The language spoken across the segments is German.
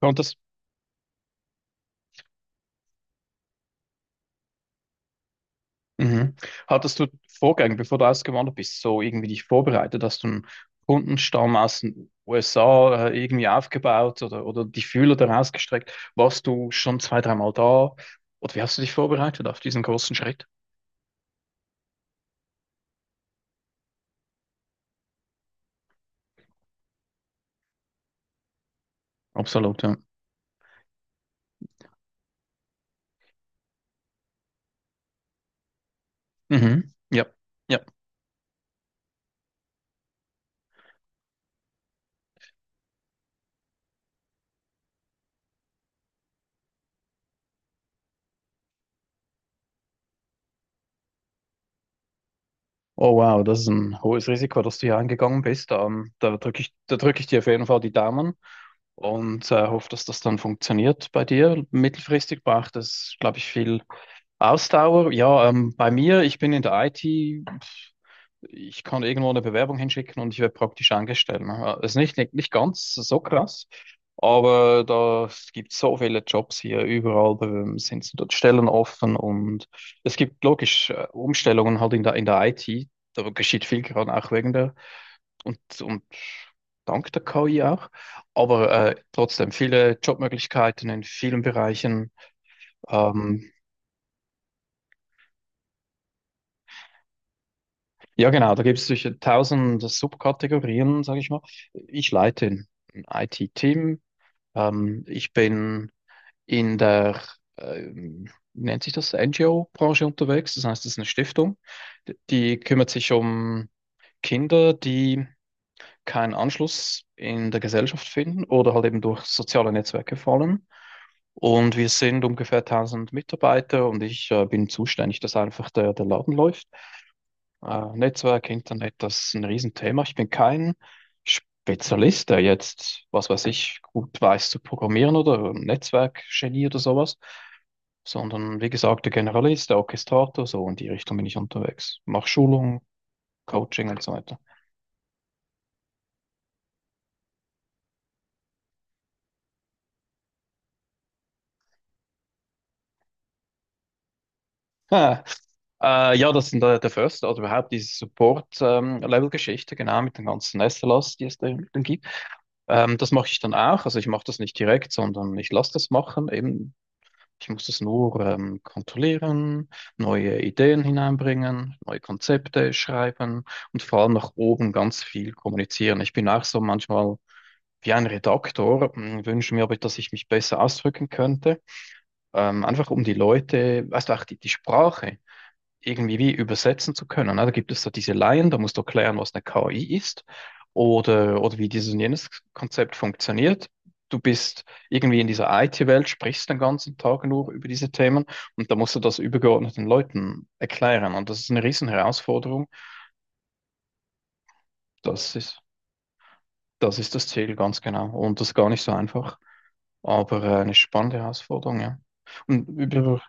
Konntest, mhm. Hattest du Vorgänge, bevor du ausgewandert bist, so irgendwie dich vorbereitet? Hast du einen Kundenstamm aus den USA irgendwie aufgebaut oder die Fühler daraus gestreckt? Warst du schon zwei, dreimal da? Oder wie hast du dich vorbereitet auf diesen großen Schritt? Absolut, ja. Mhm. Ja, ja. Oh wow, das ist ein hohes Risiko, dass du hier eingegangen bist. Da drücke ich dir auf jeden Fall die Daumen und hoffe, dass das dann funktioniert bei dir. Mittelfristig braucht es, glaube ich, viel Ausdauer, ja, bei mir, ich bin in der IT, pf, ich kann irgendwo eine Bewerbung hinschicken und ich werde praktisch angestellt, ne? Ist nicht ganz so krass, aber da es gibt so viele Jobs hier, überall sind so dort Stellen offen, und es gibt logisch Umstellungen halt in der IT, da geschieht viel gerade auch wegen der und dank der KI auch, aber trotzdem viele Jobmöglichkeiten in vielen Bereichen. Ähm, Ja, genau, da gibt es sicher tausend Subkategorien, sage ich mal. Ich leite ein IT-Team. Ich bin in der, ähm, wie nennt sich das, NGO-Branche unterwegs. Das heißt, es ist eine Stiftung, die kümmert sich um Kinder, die keinen Anschluss in der Gesellschaft finden oder halt eben durch soziale Netzwerke fallen. Und wir sind ungefähr tausend Mitarbeiter und ich bin zuständig, dass einfach der Laden läuft. Netzwerk, Internet, das ist ein Riesenthema. Ich bin kein Spezialist, der jetzt, was weiß ich, gut weiß zu programmieren oder ein Netzwerkgenie oder sowas, sondern wie gesagt, der Generalist, der Orchestrator, so in die Richtung bin ich unterwegs. Mach Schulung, Coaching und so weiter. Ha. Ja, das sind der First, oder überhaupt diese Support-Level-Geschichte, genau, mit den ganzen SLAs, die es da dann gibt. Das mache ich dann auch. Also ich mache das nicht direkt, sondern ich lasse das machen, eben. Ich muss das nur kontrollieren, neue Ideen hineinbringen, neue Konzepte schreiben und vor allem nach oben ganz viel kommunizieren. Ich bin auch so manchmal wie ein Redaktor, wünsche mir aber, dass ich mich besser ausdrücken könnte. Einfach um die Leute, weißt du, auch die Sprache irgendwie wie übersetzen zu können, ne? Da gibt es so diese Laien, da musst du erklären, was eine KI ist oder wie dieses und jenes Konzept funktioniert. Du bist irgendwie in dieser IT-Welt, sprichst den ganzen Tag nur über diese Themen und da musst du das übergeordneten Leuten erklären. Und das ist eine riesen Herausforderung. Das ist, das ist das Ziel, ganz genau. Und das ist gar nicht so einfach, aber eine spannende Herausforderung, ja. Und über.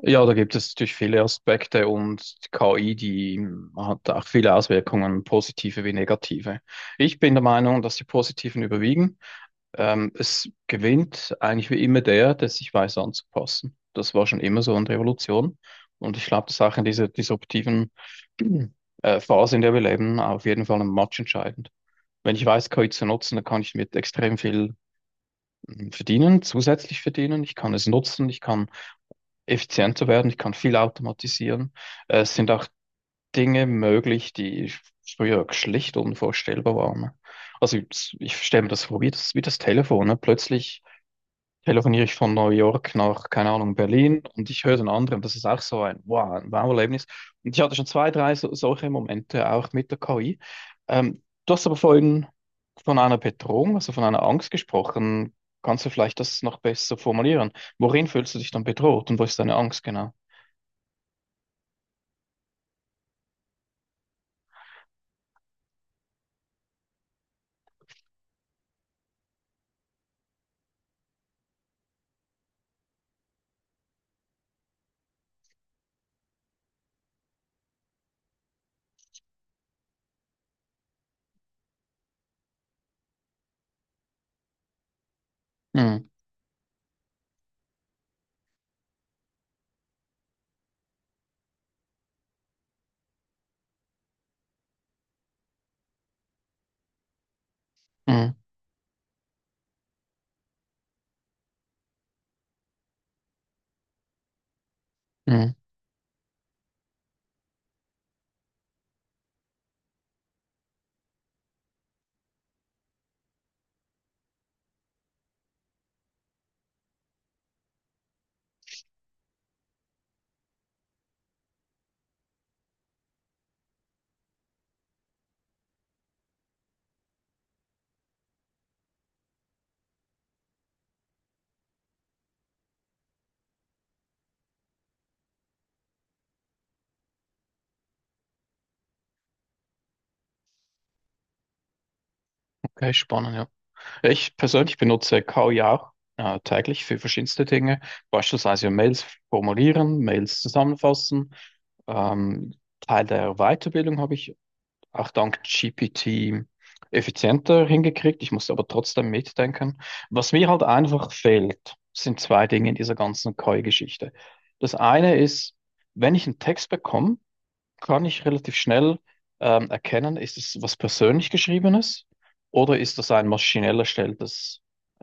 Ja, da gibt es natürlich viele Aspekte, und die KI, die hat auch viele Auswirkungen, positive wie negative. Ich bin der Meinung, dass die positiven überwiegen. Es gewinnt eigentlich wie immer der, der sich weiß anzupassen. Das war schon immer so in der Evolution. Und ich glaube, das ist auch in dieser disruptiven Phase, in der wir leben, auf jeden Fall ein Match entscheidend. Wenn ich weiß, KI zu nutzen, dann kann ich mit extrem viel verdienen, zusätzlich verdienen. Ich kann es nutzen, ich kann effizienter werden, ich kann viel automatisieren. Es sind auch Dinge möglich, die früher schlicht unvorstellbar waren. Ich stelle mir das vor, wie das Telefon. Ne? Plötzlich telefoniere ich von New York nach, keine Ahnung, Berlin, und ich höre den anderen. Das ist auch so ein Wow, ein Wow-Erlebnis. Und ich hatte schon zwei, drei so, solche Momente auch mit der KI. Du hast aber vorhin von einer Bedrohung, also von einer Angst gesprochen. Kannst du vielleicht das noch besser formulieren? Worin fühlst du dich dann bedroht, und wo ist deine Angst genau? Mhm. Mhm. Mhm. Okay, spannend, ja. Ich persönlich benutze KI auch täglich für verschiedenste Dinge, beispielsweise ja Mails formulieren, Mails zusammenfassen. Ähm, Teil der Weiterbildung habe ich auch dank GPT effizienter hingekriegt. Ich musste aber trotzdem mitdenken. Was mir halt einfach fehlt, sind zwei Dinge in dieser ganzen KI-Geschichte. Das eine ist, wenn ich einen Text bekomme, kann ich relativ schnell erkennen, ist es was persönlich Geschriebenes oder ist das ein maschinell erstelltes,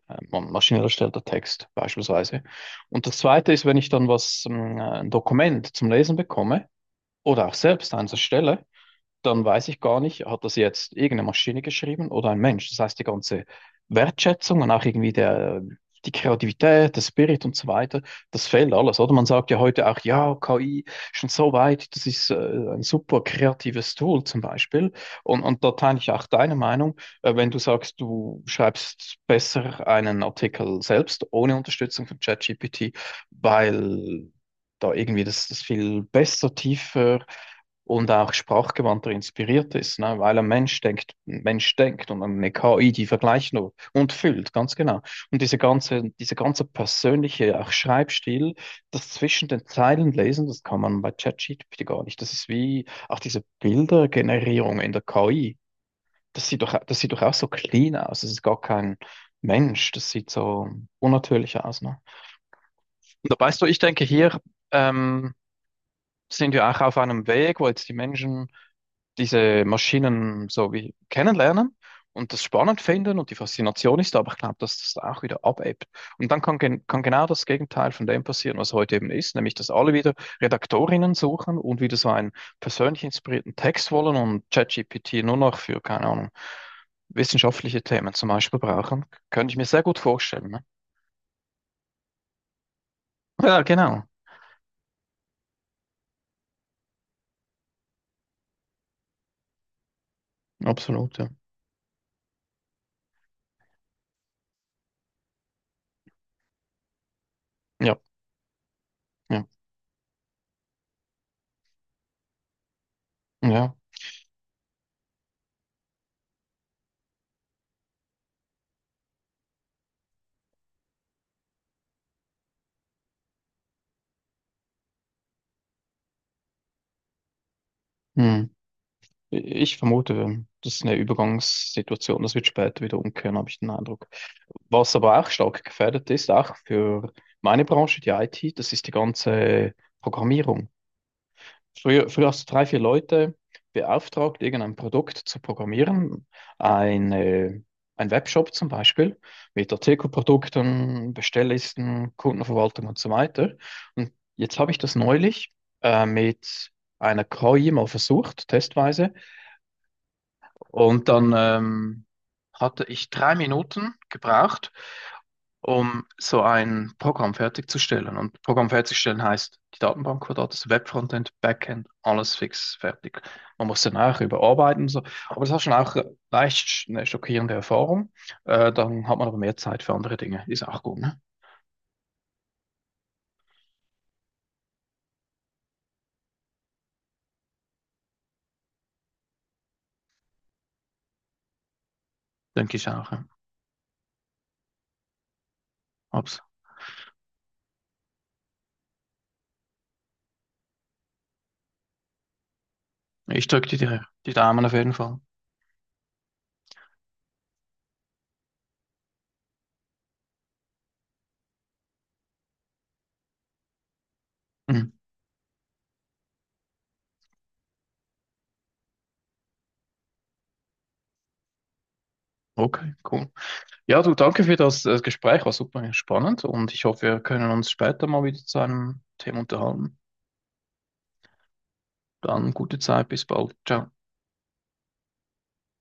äh, man- maschinell erstellter Text beispielsweise. Und das Zweite ist, wenn ich dann ein Dokument zum Lesen bekomme oder auch selbst eins erstelle, dann weiß ich gar nicht, hat das jetzt irgendeine Maschine geschrieben oder ein Mensch? Das heißt, die ganze Wertschätzung und auch irgendwie die Kreativität, der Spirit und so weiter, das fehlt alles, oder? Man sagt ja heute auch, ja, KI schon so weit, das ist ein super kreatives Tool zum Beispiel. Und da teile ich auch deine Meinung, wenn du sagst, du schreibst besser einen Artikel selbst ohne Unterstützung von ChatGPT, weil da irgendwie das viel besser, tiefer und auch sprachgewandter inspiriert ist, ne? Weil ein Mensch denkt, ein Mensch denkt, und eine KI, die vergleicht nur und füllt, ganz genau. Und diese ganze persönliche auch Schreibstil, das zwischen den Zeilen lesen, das kann man bei ChatGPT gar nicht. Das ist wie auch diese Bildergenerierung in der KI. Das sieht doch auch so clean aus. Das ist gar kein Mensch. Das sieht so unnatürlich aus, ne? Und da weißt du, ich denke, hier ähm, sind wir auch auf einem Weg, wo jetzt die Menschen diese Maschinen so wie kennenlernen und das spannend finden, und die Faszination ist da, aber ich glaube, dass das da auch wieder abebbt. Und dann kann genau das Gegenteil von dem passieren, was heute eben ist, nämlich dass alle wieder Redaktorinnen suchen und wieder so einen persönlich inspirierten Text wollen und ChatGPT nur noch für, keine Ahnung, wissenschaftliche Themen zum Beispiel brauchen. Könnte ich mir sehr gut vorstellen. Ne? Ja, genau. Absolut, ja. Ja, ja, ja. Hm. Ich vermute, das ist eine Übergangssituation, das wird später wieder umkehren, habe ich den Eindruck. Was aber auch stark gefährdet ist, auch für meine Branche, die IT, das ist die ganze Programmierung. Früher hast du drei, vier Leute beauftragt, irgendein Produkt zu programmieren, eine, ein Webshop zum Beispiel, mit Artikelprodukten, Bestelllisten, Kundenverwaltung und so weiter. Und jetzt habe ich das neulich mit einer KI mal versucht, testweise. Und dann hatte ich drei Minuten gebraucht, um so ein Programm fertigzustellen. Und Programm fertigstellen heißt, die Datenbank war da, das Webfrontend, Backend, alles fix, fertig. Man muss dann auch überarbeiten und so. Aber das war schon auch eine schockierende Erfahrung. Dann hat man aber mehr Zeit für andere Dinge. Ist auch gut, ne? Denke ich auch. Ja. Abs- Ich drücke dir die Daumen auf jeden Fall. Mhm. Okay, cool. Ja, du, danke für das, Gespräch, war super spannend, und ich hoffe, wir können uns später mal wieder zu einem Thema unterhalten. Dann gute Zeit, bis bald. Ciao.